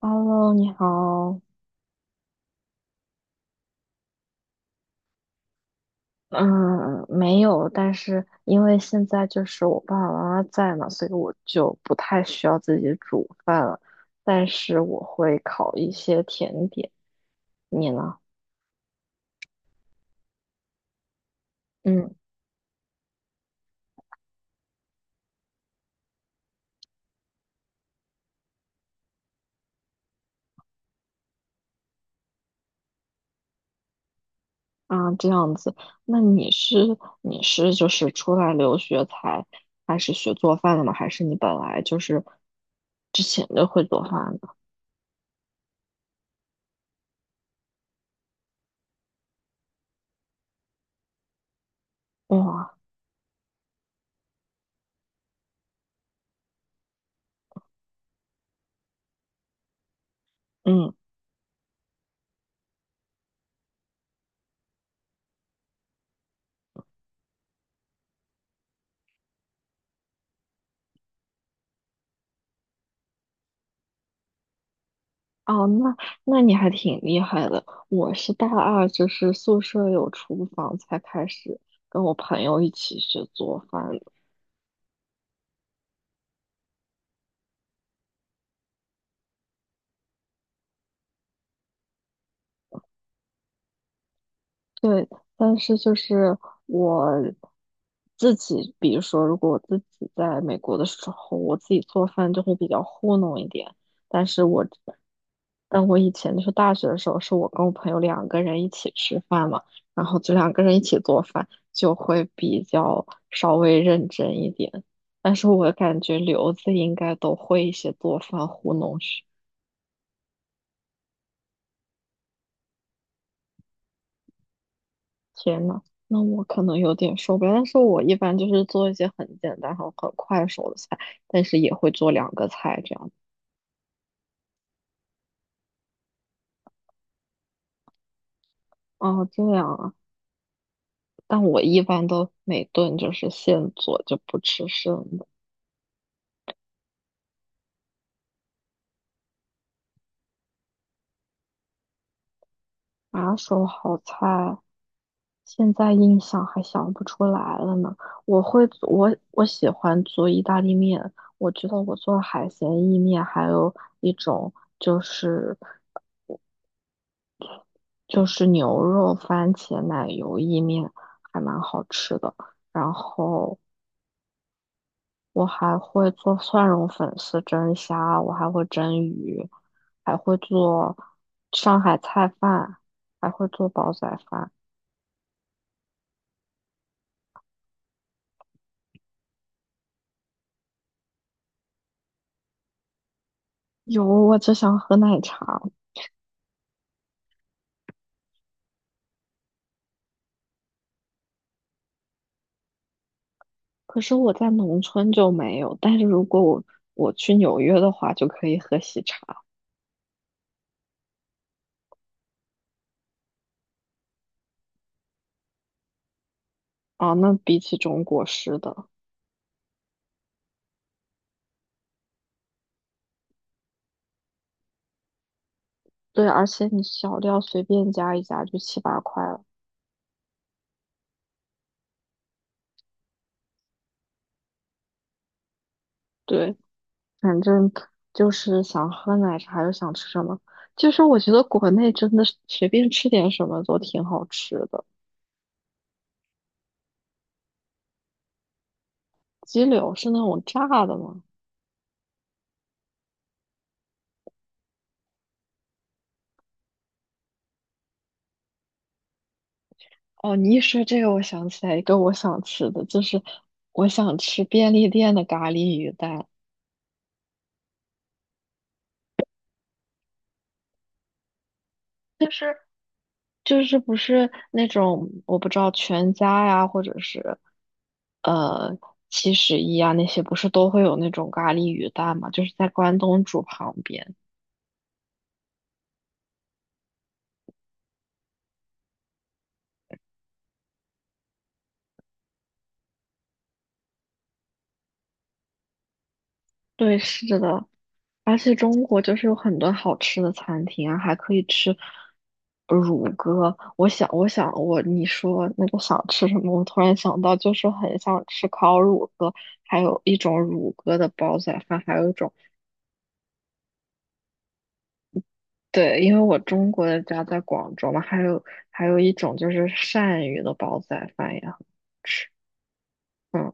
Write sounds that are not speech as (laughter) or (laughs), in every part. Hello，你好。嗯，没有，但是因为现在就是我爸爸妈妈在嘛，所以我就不太需要自己煮饭了。但是我会烤一些甜点。你呢？嗯啊，这样子。那你是就是出来留学才开始学做饭的吗？还是你本来就是之前就会做饭的？哇，哦，那那你还挺厉害的。我是大二，就是宿舍有厨房才开始跟我朋友一起学做饭。对，但是就是我自己，比如说，如果我自己在美国的时候，我自己做饭就会比较糊弄一点。但是我，但我以前就是大学的时候，是我跟我朋友两个人一起吃饭嘛，然后就两个人一起做饭，就会比较稍微认真一点。但是我感觉留子应该都会一些做饭糊弄学。天呐，那我可能有点受不了。但是我一般就是做一些很简单、很快手的菜，但是也会做两个菜这样。哦，这样啊。但我一般都每顿就是现做，就不吃剩的。拿手好菜，现在印象还想不出来了呢。我会做，我喜欢做意大利面。我觉得我做海鲜意面，还有一种就是。就是牛肉、番茄、奶油意面，还蛮好吃的。然后我还会做蒜蓉粉丝蒸虾，我还会蒸鱼，还会做上海菜饭，还会做煲仔饭。有，我只想喝奶茶，可是我在农村就没有。但是如果我去纽约的话，就可以喝喜茶。啊，那比起中国式的，对，而且你小料随便加一加就七八块了。对。反正就是想喝奶茶又想吃什么。就是我觉得国内真的是随便吃点什么都挺好吃的。鸡柳是那种炸的吗？哦，你一说这个，我想起来一个我想吃的，就是我想吃便利店的咖喱鱼蛋，就是不是那种我不知道全家呀，或者是呃七十一啊那些，不是都会有那种咖喱鱼蛋嘛？就是在关东煮旁边。对，是的，而且中国就是有很多好吃的餐厅啊，还可以吃乳鸽。我想，我想，我你说那个想吃什么，我突然想到，就是很想吃烤乳鸽，还有一种乳鸽的煲仔饭，还有一种对，因为我中国的家在广州嘛，还有还有一种就是鳝鱼的煲仔饭也很吃。嗯，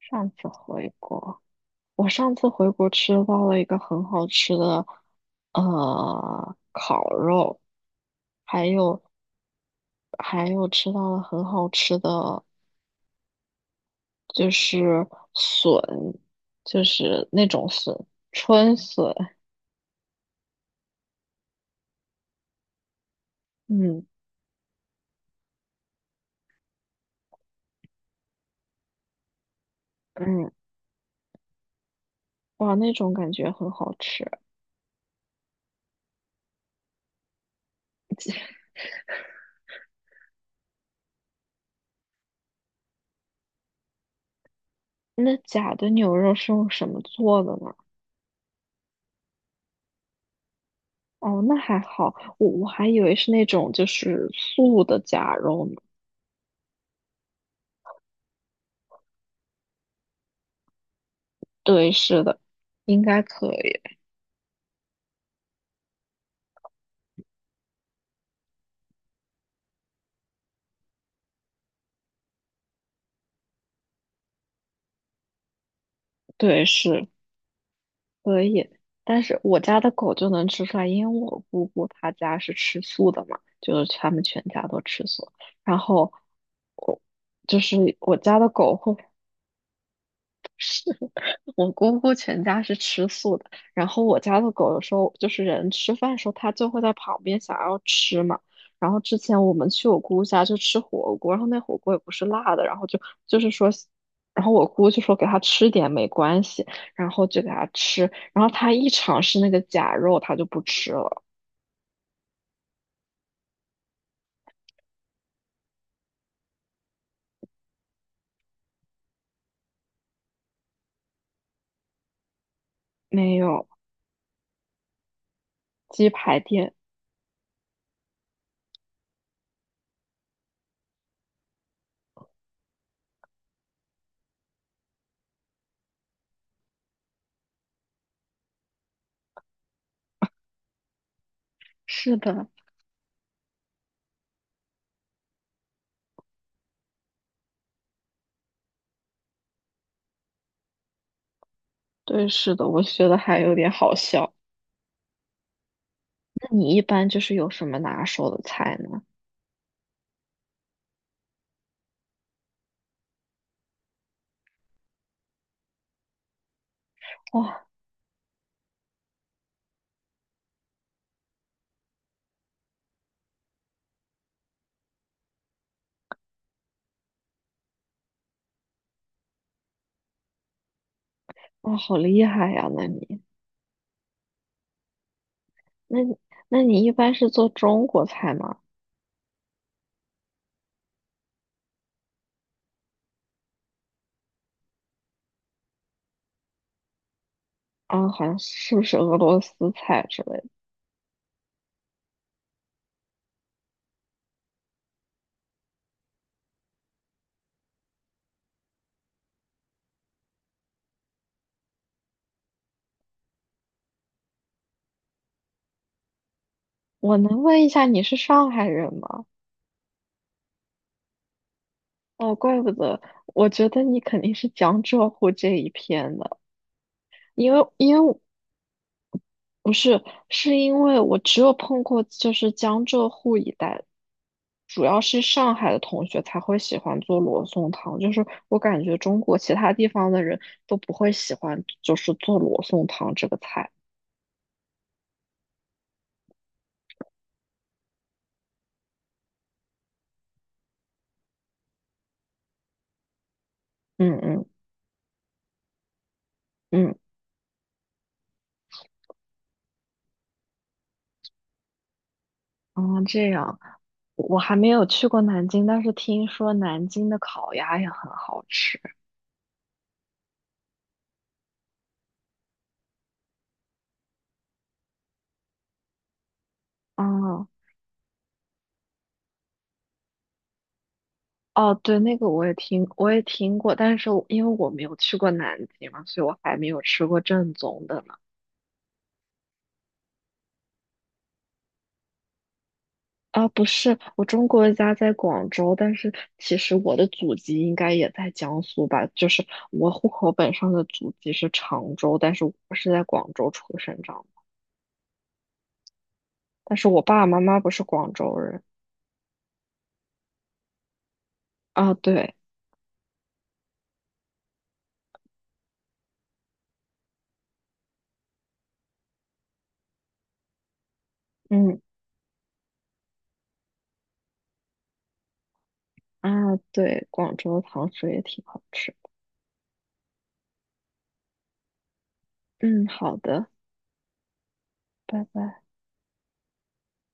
上次回国。我上次回国吃到了一个很好吃的，烤肉，还有吃到了很好吃的，就是笋，就是那种笋，春笋，嗯嗯，哇，那种感觉很好吃。那假的牛肉是用什么做的呢？哦，那还好，我还以为是那种就是素的假肉呢。对，是的，应该可以。对，是。可以，但是我家的狗就能吃出来，因为我姑姑她家是吃素的嘛，就是他们全家都吃素。然后我我家的狗会 (laughs) 我姑姑全家是吃素的，然后我家的狗有时候就是人吃饭的时候，它就会在旁边想要吃嘛。然后之前我们去我姑姑家就吃火锅，然后那火锅也不是辣的，然后就就是说，然后我姑就说给它吃点没关系，然后就给它吃，然后它一尝试那个假肉，它就不吃了。没有鸡排店，是的，对，是的，我觉得还有点好笑。那你一般就是有什么拿手的菜呢？哇哇，好厉害呀！那你。那你一般是做中国菜吗？啊，好像是不是俄罗斯菜之类的？我能问一下你是上海人吗？哦，怪不得，我觉得你肯定是江浙沪这一片的，因为我不是，是因为我只有碰过就是江浙沪一带，主要是上海的同学才会喜欢做罗宋汤，就是我感觉中国其他地方的人都不会喜欢，就是做罗宋汤这个菜。嗯嗯嗯。哦，这样，我还没有去过南京，但是听说南京的烤鸭也很好吃。嗯，哦，对，那个我也听，我也听过，但是我因为我没有去过南京嘛，所以我还没有吃过正宗的呢。啊，不是，我中国家在广州，但是其实我的祖籍应该也在江苏吧，就是我户口本上的祖籍是常州，但是我是在广州出生长的，但是我爸爸妈妈不是广州人。啊，对，嗯。啊，对，广州糖水也挺好吃。嗯，好的，拜拜。